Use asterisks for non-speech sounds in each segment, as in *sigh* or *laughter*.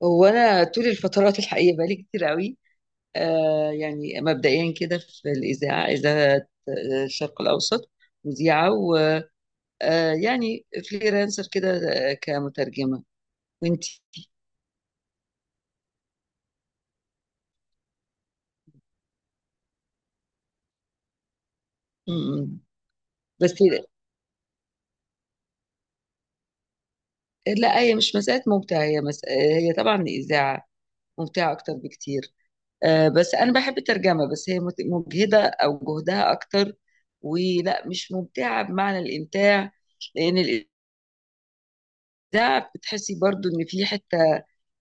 وانا طول الفترات الحقيقه بقالي كتير قوي. يعني مبدئيا كده في الاذاعه، الشرق الاوسط، مذيعه، ويعني فريلانسر كده، كمترجمه. وانتي؟ مم. بس لا، هي مش مساله ممتعه، هي طبعا الاذاعه ممتعه اكتر بكتير. بس انا بحب الترجمه، بس هي مجهده او جهدها اكتر، ولا مش ممتعه بمعنى الامتاع، لان الاذاعه بتحسي برضو ان في حته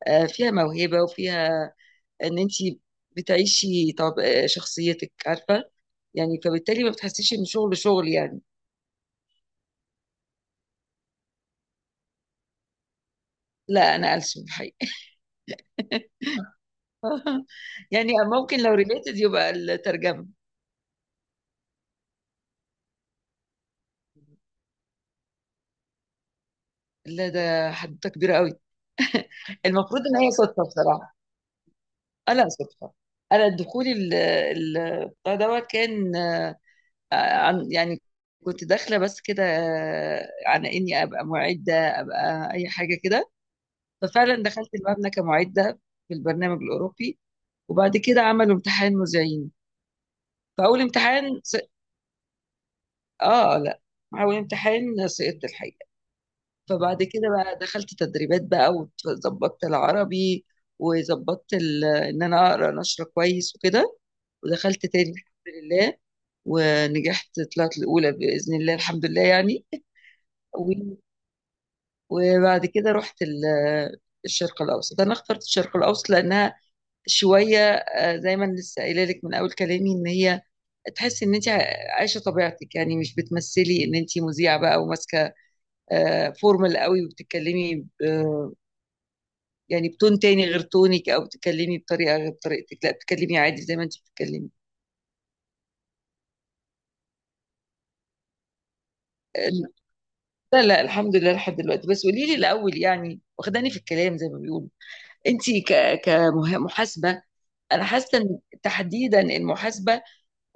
فيها موهبة، وفيها ان انت بتعيشي طب شخصيتك، عارفة، يعني فبالتالي ما بتحسيش ان شغل شغل يعني. لا، انا ألسن الحقيقة. *laughs* يعني ممكن لو ريليتد يبقى الترجمة. لا ده حدوتة كبيرة قوي. المفروض ان هي صدفة بصراحة. لا، صدفة. انا دخولي بتاع دوت كان عن يعني، كنت داخلة بس كده على اني ابقى معدة، ابقى اي حاجة كده. ففعلا دخلت المبنى كمعدة في البرنامج الأوروبي، وبعد كده عملوا امتحان مذيعين. فأول امتحان س... آه لا، أول امتحان سقطت الحقيقة. فبعد كده بقى دخلت تدريبات بقى، وظبطت العربي، إن أنا أقرأ نشرة كويس وكده. ودخلت تاني الحمد لله، ونجحت، طلعت الأولى بإذن الله، الحمد لله يعني. و- وبعد كده رحت الشرق الأوسط. أنا اخترت الشرق الأوسط لأنها شويه، زي ما أنا لسه قايله لك من اول كلامي، ان هي تحس ان انت عايشه طبيعتك، يعني مش بتمثلي ان انت مذيعه بقى وماسكه فورمال قوي، وبتتكلمي يعني بتون تاني غير تونك، او بتتكلمي بطريقه غير طريقتك، لا بتتكلمي عادي زي ما انت بتتكلمي. آه، لا لا، الحمد لله لحد دلوقتي. بس قولي لي الاول يعني، واخداني في الكلام زي ما بيقولوا. انت كمحاسبه، انا حاسه ان تحديدا المحاسبه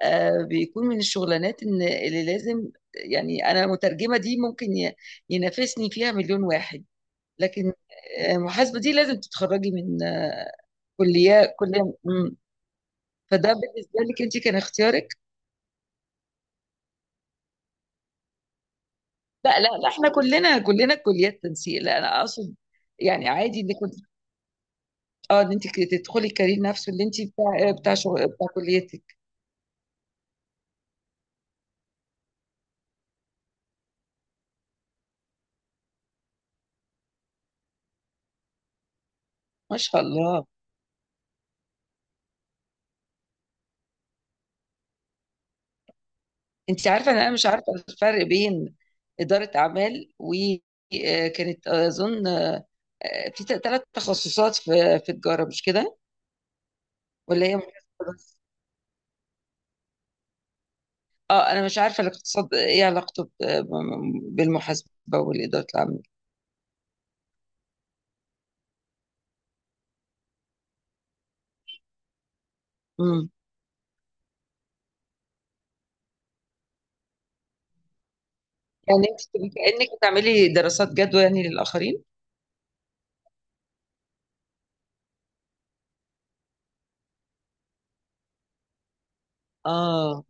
بيكون من الشغلانات اللي لازم، يعني انا مترجمه دي ممكن ينافسني فيها مليون واحد، لكن محاسبه دي لازم تتخرجي من كليه، مم. فده بالنسبه لك انت كان اختيارك. لا لا لا، احنا كلنا كليات تنسيق، لا انا اقصد يعني عادي انك كنت، اه، ان انت تدخلي الكارير نفسه اللي انت بتاع بتاع شغل بتاع كليتك. ما شاء الله. انت عارفه ان انا مش عارفه الفرق بين اداره اعمال، وكانت اظن في ثلاث تخصصات، في تجاره، مش كده؟ ولا هي محاسبه بس؟ اه، انا مش عارفه الاقتصاد ايه علاقته بالمحاسبه والاداره العامه. امم. يعني انت بتبقي كانك بتعملي دراسات جدوى يعني للاخرين. اه.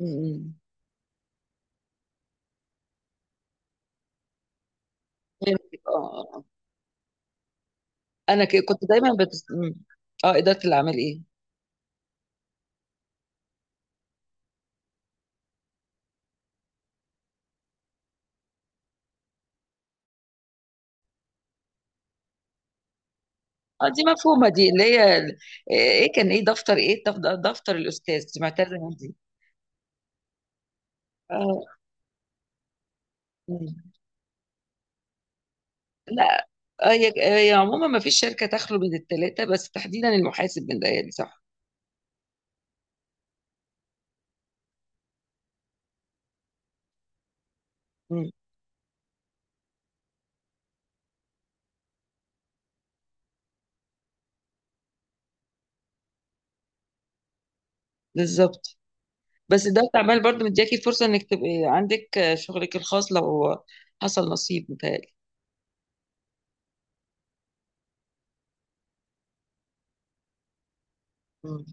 امم. فهمتك. اه انا كنت دايما مم. اه، اداره الاعمال ايه؟ اه دي مفهومة، دي اللي هي ايه كان ايه دفتر، ايه دفتر الأستاذ دي، معتزة دي. اه. مم. لا، هي، عموما ما فيش شركة تخلو من التلاتة، بس تحديدا المحاسب من ده، يعني صح. مم. بالظبط. بس ده عمال برضه مدياكي فرصة انك تبقي عندك شغلك الخاص لو حصل نصيب، متهيألي. مم.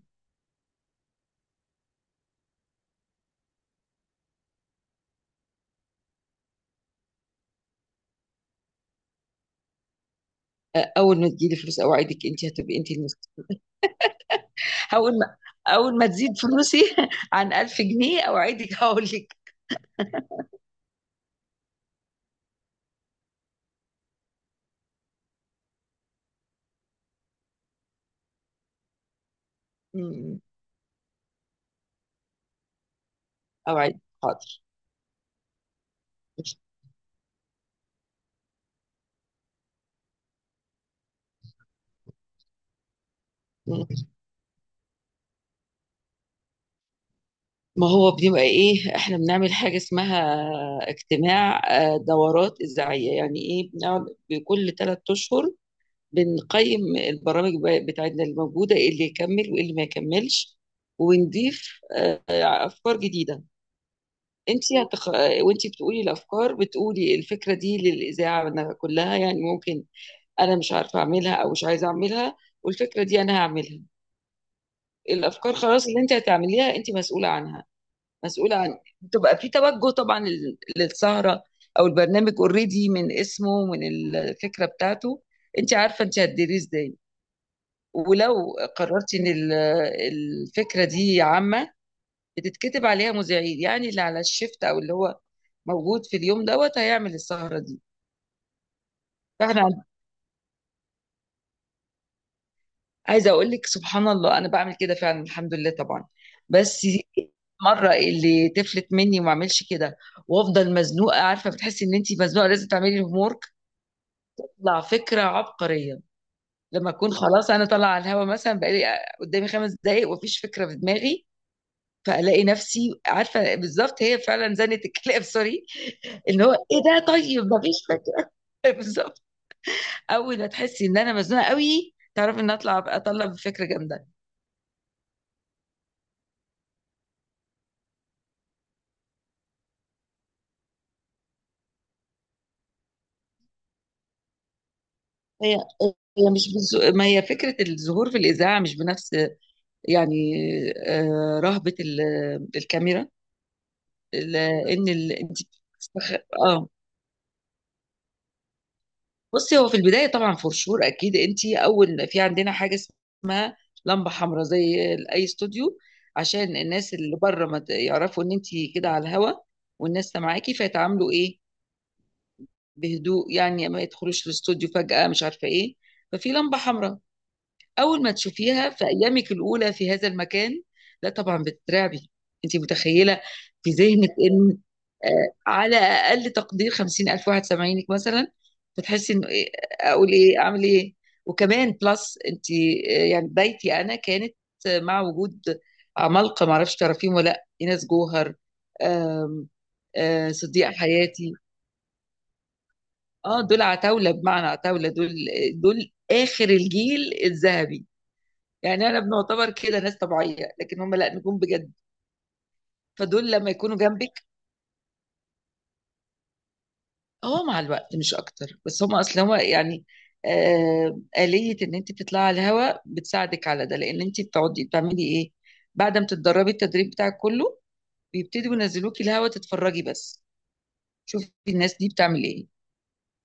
اول ما تجيلي فلوس اوعدك انت هتبقي انت المسؤولة. اول ما اول ما تزيد فلوسي *laughs* عن 1000 جنيه اوعدك هقول لك. مم. اوعدك حاضر. مم. ما هو بنبقى ايه، احنا بنعمل حاجة اسمها اجتماع، دورات إذاعية، يعني ايه، بنقعد بكل 3 أشهر بنقيم البرامج بتاعتنا الموجودة، ايه اللي يكمل وايه اللي ما يكملش، ونضيف أفكار جديدة. انت هتخ... آه، وانت بتقولي الأفكار، بتقولي الفكرة دي للإذاعة أنا كلها، يعني ممكن أنا مش عارفة أعملها أو مش عايزة أعملها، والفكرة دي أنا هعملها، الأفكار خلاص اللي انت هتعمليها انت مسؤولة عنها. مسؤولة عن، بتبقى في توجه طبعا للسهرة او البرنامج اوريدي من اسمه ومن الفكرة بتاعته. انت عارفة انت هتديريه ازاي. ولو قررتي ان الفكرة دي عامة بتتكتب عليها مذيعين، يعني اللي على الشفت او اللي هو موجود في اليوم دوت هيعمل السهرة دي. فاحنا عن- عايزة اقول لك سبحان الله انا بعمل كده فعلا، الحمد لله طبعا. بس مرة اللي تفلت مني وما اعملش كده، وافضل مزنوقه، عارفه، بتحسي ان انت مزنوقه لازم تعملي الهوم، تطلع فكرة عبقرية. لما أكون خلاص أنا طالعة على الهوا، مثلا بقالي قدامي 5 دقايق ومفيش فكرة في دماغي، فألاقي نفسي عارفة بالظبط هي فعلا زنة الكلاب، سوري، اللي هو إيه ده، طيب مفيش فكرة. *laughs* بالظبط. أول ما تحسي إن أنا مزنوقة قوي تعرفي إن أطلع أطلع بفكرة جامدة. هي هي مش بالز... ما هي فكرة الظهور في الإذاعة مش بنفس يعني رهبة الكاميرا، أنت بتستخ... آه بصي، هو في البداية طبعا فور، أكيد أنت أول، في عندنا حاجة اسمها لمبة حمراء زي أي استوديو، عشان الناس اللي بره ما يعرفوا إن أنت كده على الهوا والناس سامعاكي فيتعاملوا إيه بهدوء، يعني ما يدخلوش الاستوديو فجأة مش عارفة إيه. ففي لمبة حمراء، اول ما تشوفيها في ايامك الاولى في هذا المكان لا طبعا بتترعبي، انت متخيله، في ذهنك ان على اقل تقدير 50,000 واحد سامعينك مثلا. فتحسي انه ايه، اقول ايه اعمل ايه. وكمان بلس انت يعني بدايتي انا كانت مع وجود عمالقه، ما اعرفش تعرفيهم ولا لا، ايناس جوهر، آم، آه، صديقه حياتي. اه دول عتاوله، بمعنى عتاوله، دول دول اخر الجيل الذهبي يعني، انا بنعتبر كده ناس طبيعيه لكن هم لا، نجوم بجد، فدول لما يكونوا جنبك. اه مع الوقت مش اكتر، بس هم اصلا هو يعني آلية ان انت تطلعي على الهواء بتساعدك على ده، لان انت بتقعدي بتعملي ايه بعد ما تتدربي التدريب بتاعك كله، بيبتدوا ينزلوكي الهواء تتفرجي بس، شوفي الناس دي بتعمل ايه،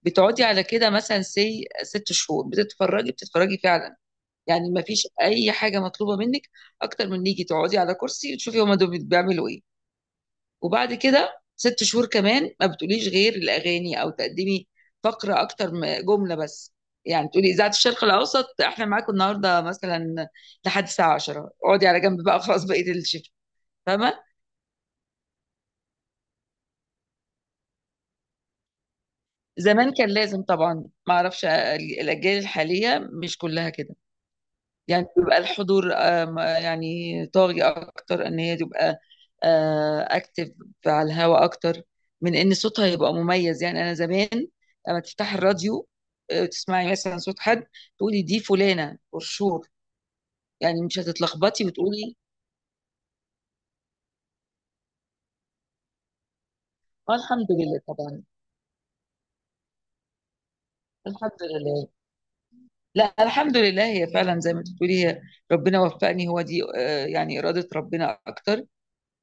بتقعدي على كده مثلا سي 6 شهور بتتفرجي بتتفرجي فعلا. يعني ما فيش اي حاجه مطلوبه منك اكتر من نيجي تقعدي على كرسي وتشوفي هما دول بيعملوا ايه. وبعد كده 6 شهور كمان ما بتقوليش غير الاغاني او تقدمي فقره اكتر من جمله بس، يعني تقولي اذاعه الشرق الاوسط احنا معاكم النهارده مثلا لحد الساعه 10، اقعدي على جنب بقى خلاص بقيه الشفت. فاهمه. زمان كان لازم طبعا، ما اعرفش الاجيال الحاليه مش كلها كده، يعني بيبقى الحضور يعني طاغي اكتر، ان هي تبقى اكتف على الهواء اكتر من ان صوتها يبقى مميز، يعني انا زمان لما تفتح الراديو تسمعي مثلا صوت حد تقولي دي فلانة برشور، يعني مش هتتلخبطي وتقولي. الحمد لله طبعا. الحمد لله. لا، الحمد لله هي فعلا زي ما بتقولي، هي ربنا وفقني، هو دي يعني إرادة ربنا أكتر.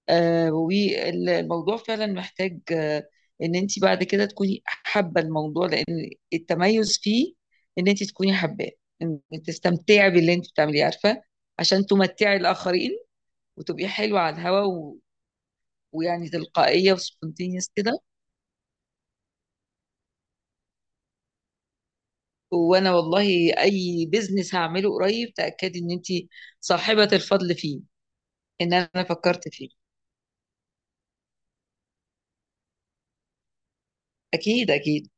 والموضوع فعلا محتاج ان انت بعد كده تكوني حابه الموضوع، لان التميز فيه ان انت تكوني حباه، ان تستمتعي باللي انت بتعمليه، عارفه، عشان تمتعي الاخرين وتبقي حلوه على الهوا ويعني تلقائيه وسبونتينيوس كده. وانا والله اي بزنس هعمله قريب تاكدي ان انت صاحبه الفضل فيه، ان انا فكرت فيه. اكيد اكيد.